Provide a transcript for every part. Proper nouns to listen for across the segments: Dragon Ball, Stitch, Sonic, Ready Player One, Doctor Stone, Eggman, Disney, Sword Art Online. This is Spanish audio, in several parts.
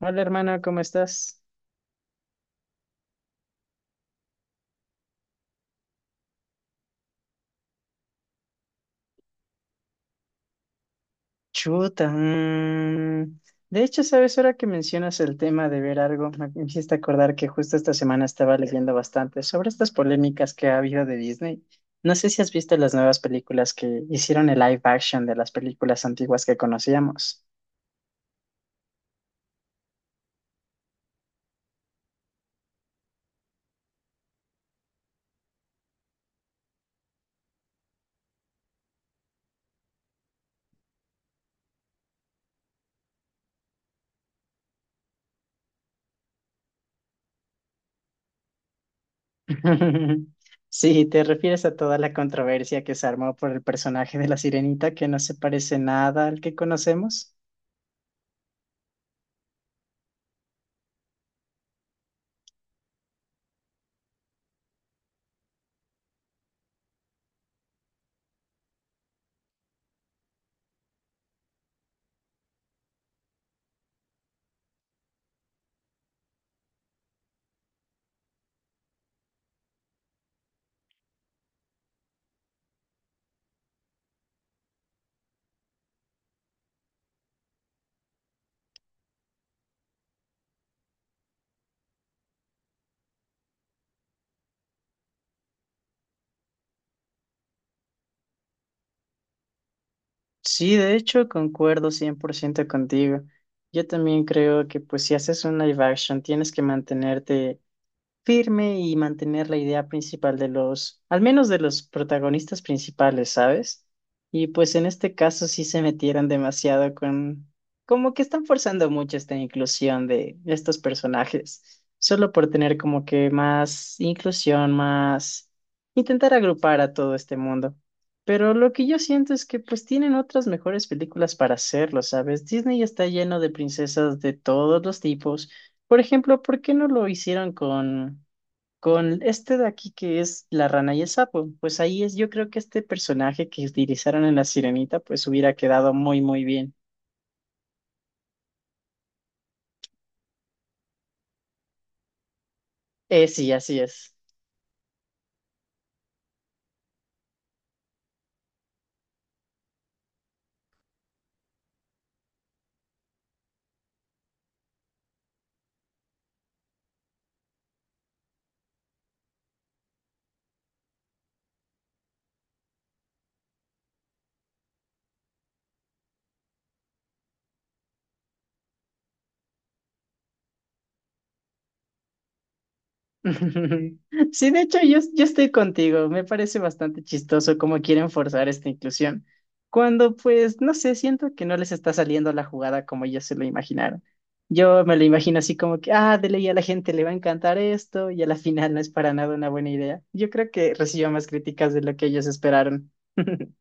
Hola hermana, ¿cómo estás? Chuta. Mm. De hecho, sabes, ahora que mencionas el tema de ver algo, me hiciste acordar que justo esta semana estaba leyendo bastante sobre estas polémicas que ha habido de Disney. No sé si has visto las nuevas películas que hicieron el live action de las películas antiguas que conocíamos. Sí, te refieres a toda la controversia que se armó por el personaje de la Sirenita que no se parece nada al que conocemos. Sí, de hecho, concuerdo 100% contigo. Yo también creo que pues si haces un live action tienes que mantenerte firme y mantener la idea principal de los, al menos de los protagonistas principales, ¿sabes? Y pues en este caso sí se metieron demasiado con, como que están forzando mucho esta inclusión de estos personajes, solo por tener como que más inclusión, más intentar agrupar a todo este mundo. Pero lo que yo siento es que pues tienen otras mejores películas para hacerlo, ¿sabes? Disney está lleno de princesas de todos los tipos. Por ejemplo, ¿por qué no lo hicieron con este de aquí que es la rana y el sapo, pues ahí es, yo creo que este personaje que utilizaron en La Sirenita, pues hubiera quedado muy, muy bien. Sí, así es. Sí, de hecho, yo estoy contigo. Me parece bastante chistoso cómo quieren forzar esta inclusión. Cuando, pues, no sé, siento que no les está saliendo la jugada como ellos se lo imaginaron. Yo me lo imagino así como que, ah, de ley a la gente le va a encantar esto y a la final no es para nada una buena idea. Yo creo que recibió más críticas de lo que ellos esperaron.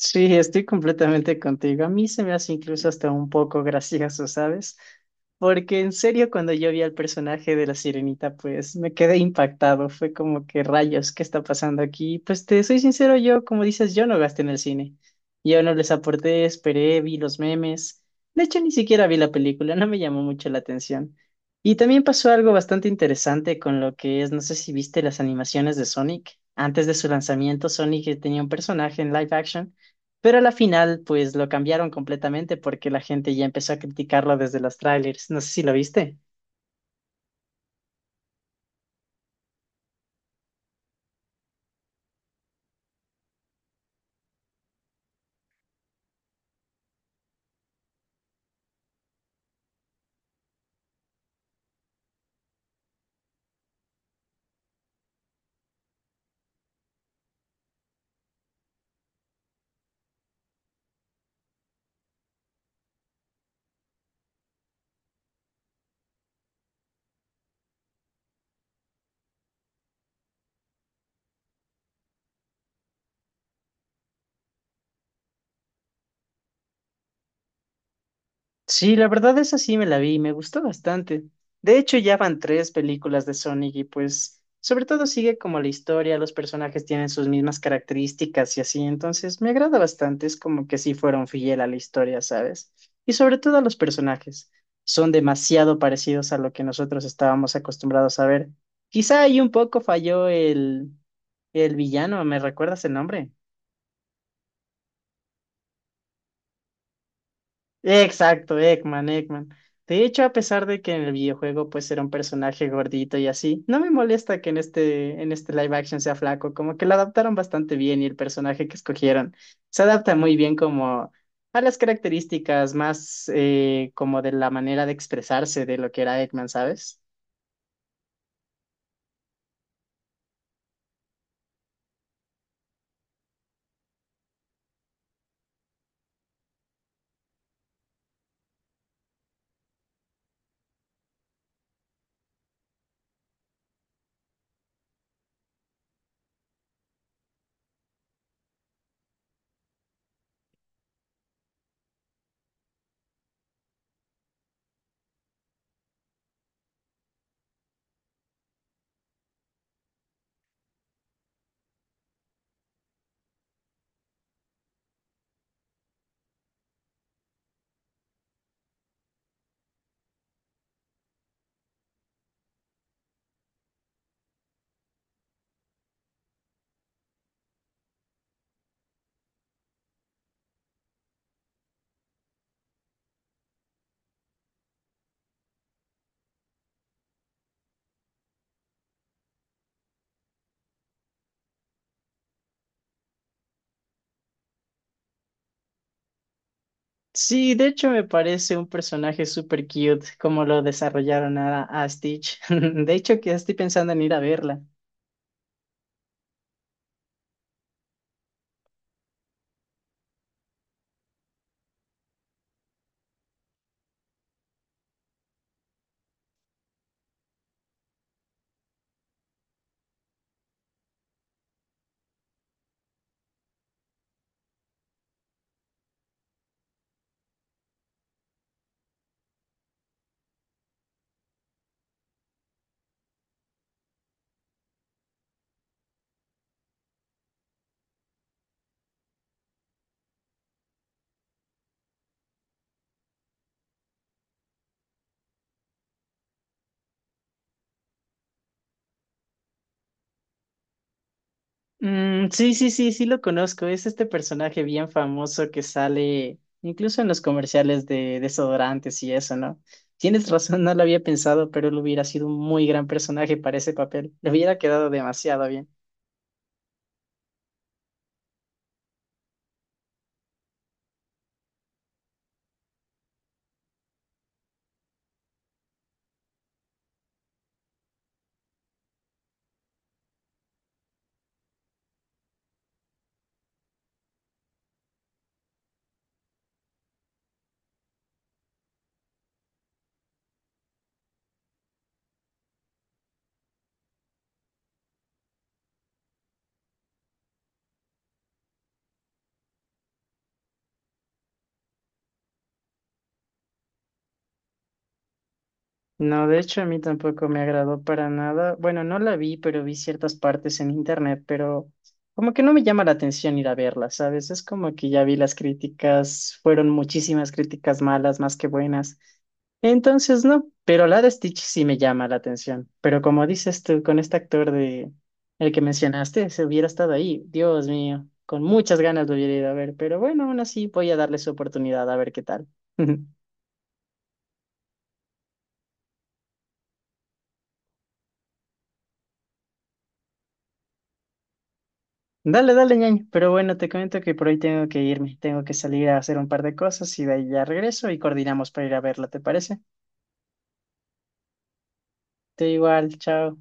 Sí, estoy completamente contigo. A mí se me hace incluso hasta un poco gracioso, ¿sabes? Porque en serio, cuando yo vi al personaje de la sirenita, pues me quedé impactado. Fue como que rayos, ¿qué está pasando aquí? Pues te soy sincero, yo, como dices, yo no gasté en el cine. Yo no les aporté, esperé, vi los memes. De hecho, ni siquiera vi la película, no me llamó mucho la atención. Y también pasó algo bastante interesante con lo que es, no sé si viste las animaciones de Sonic. Antes de su lanzamiento, Sonic tenía un personaje en live action pero a la final, pues lo cambiaron completamente porque la gente ya empezó a criticarlo desde los trailers. No sé si lo viste. Sí, la verdad esa sí me la vi y me gustó bastante. De hecho, ya van tres películas de Sonic y pues sobre todo sigue como la historia, los personajes tienen sus mismas características y así, entonces me agrada bastante, es como que sí fueron fiel a la historia, ¿sabes? Y sobre todo a los personajes, son demasiado parecidos a lo que nosotros estábamos acostumbrados a ver. Quizá ahí un poco falló el villano, ¿me recuerdas el nombre? Exacto, Eggman, Eggman. De hecho, a pesar de que en el videojuego pues era un personaje gordito y así, no me molesta que en este live action sea flaco, como que lo adaptaron bastante bien y el personaje que escogieron se adapta muy bien como a las características más como de la manera de expresarse de lo que era Eggman, ¿sabes? Sí, de hecho me parece un personaje súper cute como lo desarrollaron a Stitch. De hecho, que estoy pensando en ir a verla. Mm, sí, sí, sí, sí lo conozco. Es este personaje bien famoso que sale incluso en los comerciales de desodorantes y eso, ¿no? Tienes razón, no lo había pensado, pero él hubiera sido un muy gran personaje para ese papel. Le hubiera quedado demasiado bien. No, de hecho a mí tampoco me agradó para nada. Bueno, no la vi, pero vi ciertas partes en internet, pero como que no me llama la atención ir a verla, ¿sabes? Es como que ya vi las críticas, fueron muchísimas críticas malas más que buenas. Entonces, no, pero la de Stitch sí me llama la atención. Pero como dices tú, con este actor de el que mencionaste, se hubiera estado ahí, Dios mío, con muchas ganas lo hubiera ido a ver, pero bueno, aún así voy a darle su oportunidad a ver qué tal. Dale, dale, ñaño. Pero bueno, te comento que por hoy tengo que irme. Tengo que salir a hacer un par de cosas y de ahí ya regreso y coordinamos para ir a verla, ¿te parece? Te igual, chao.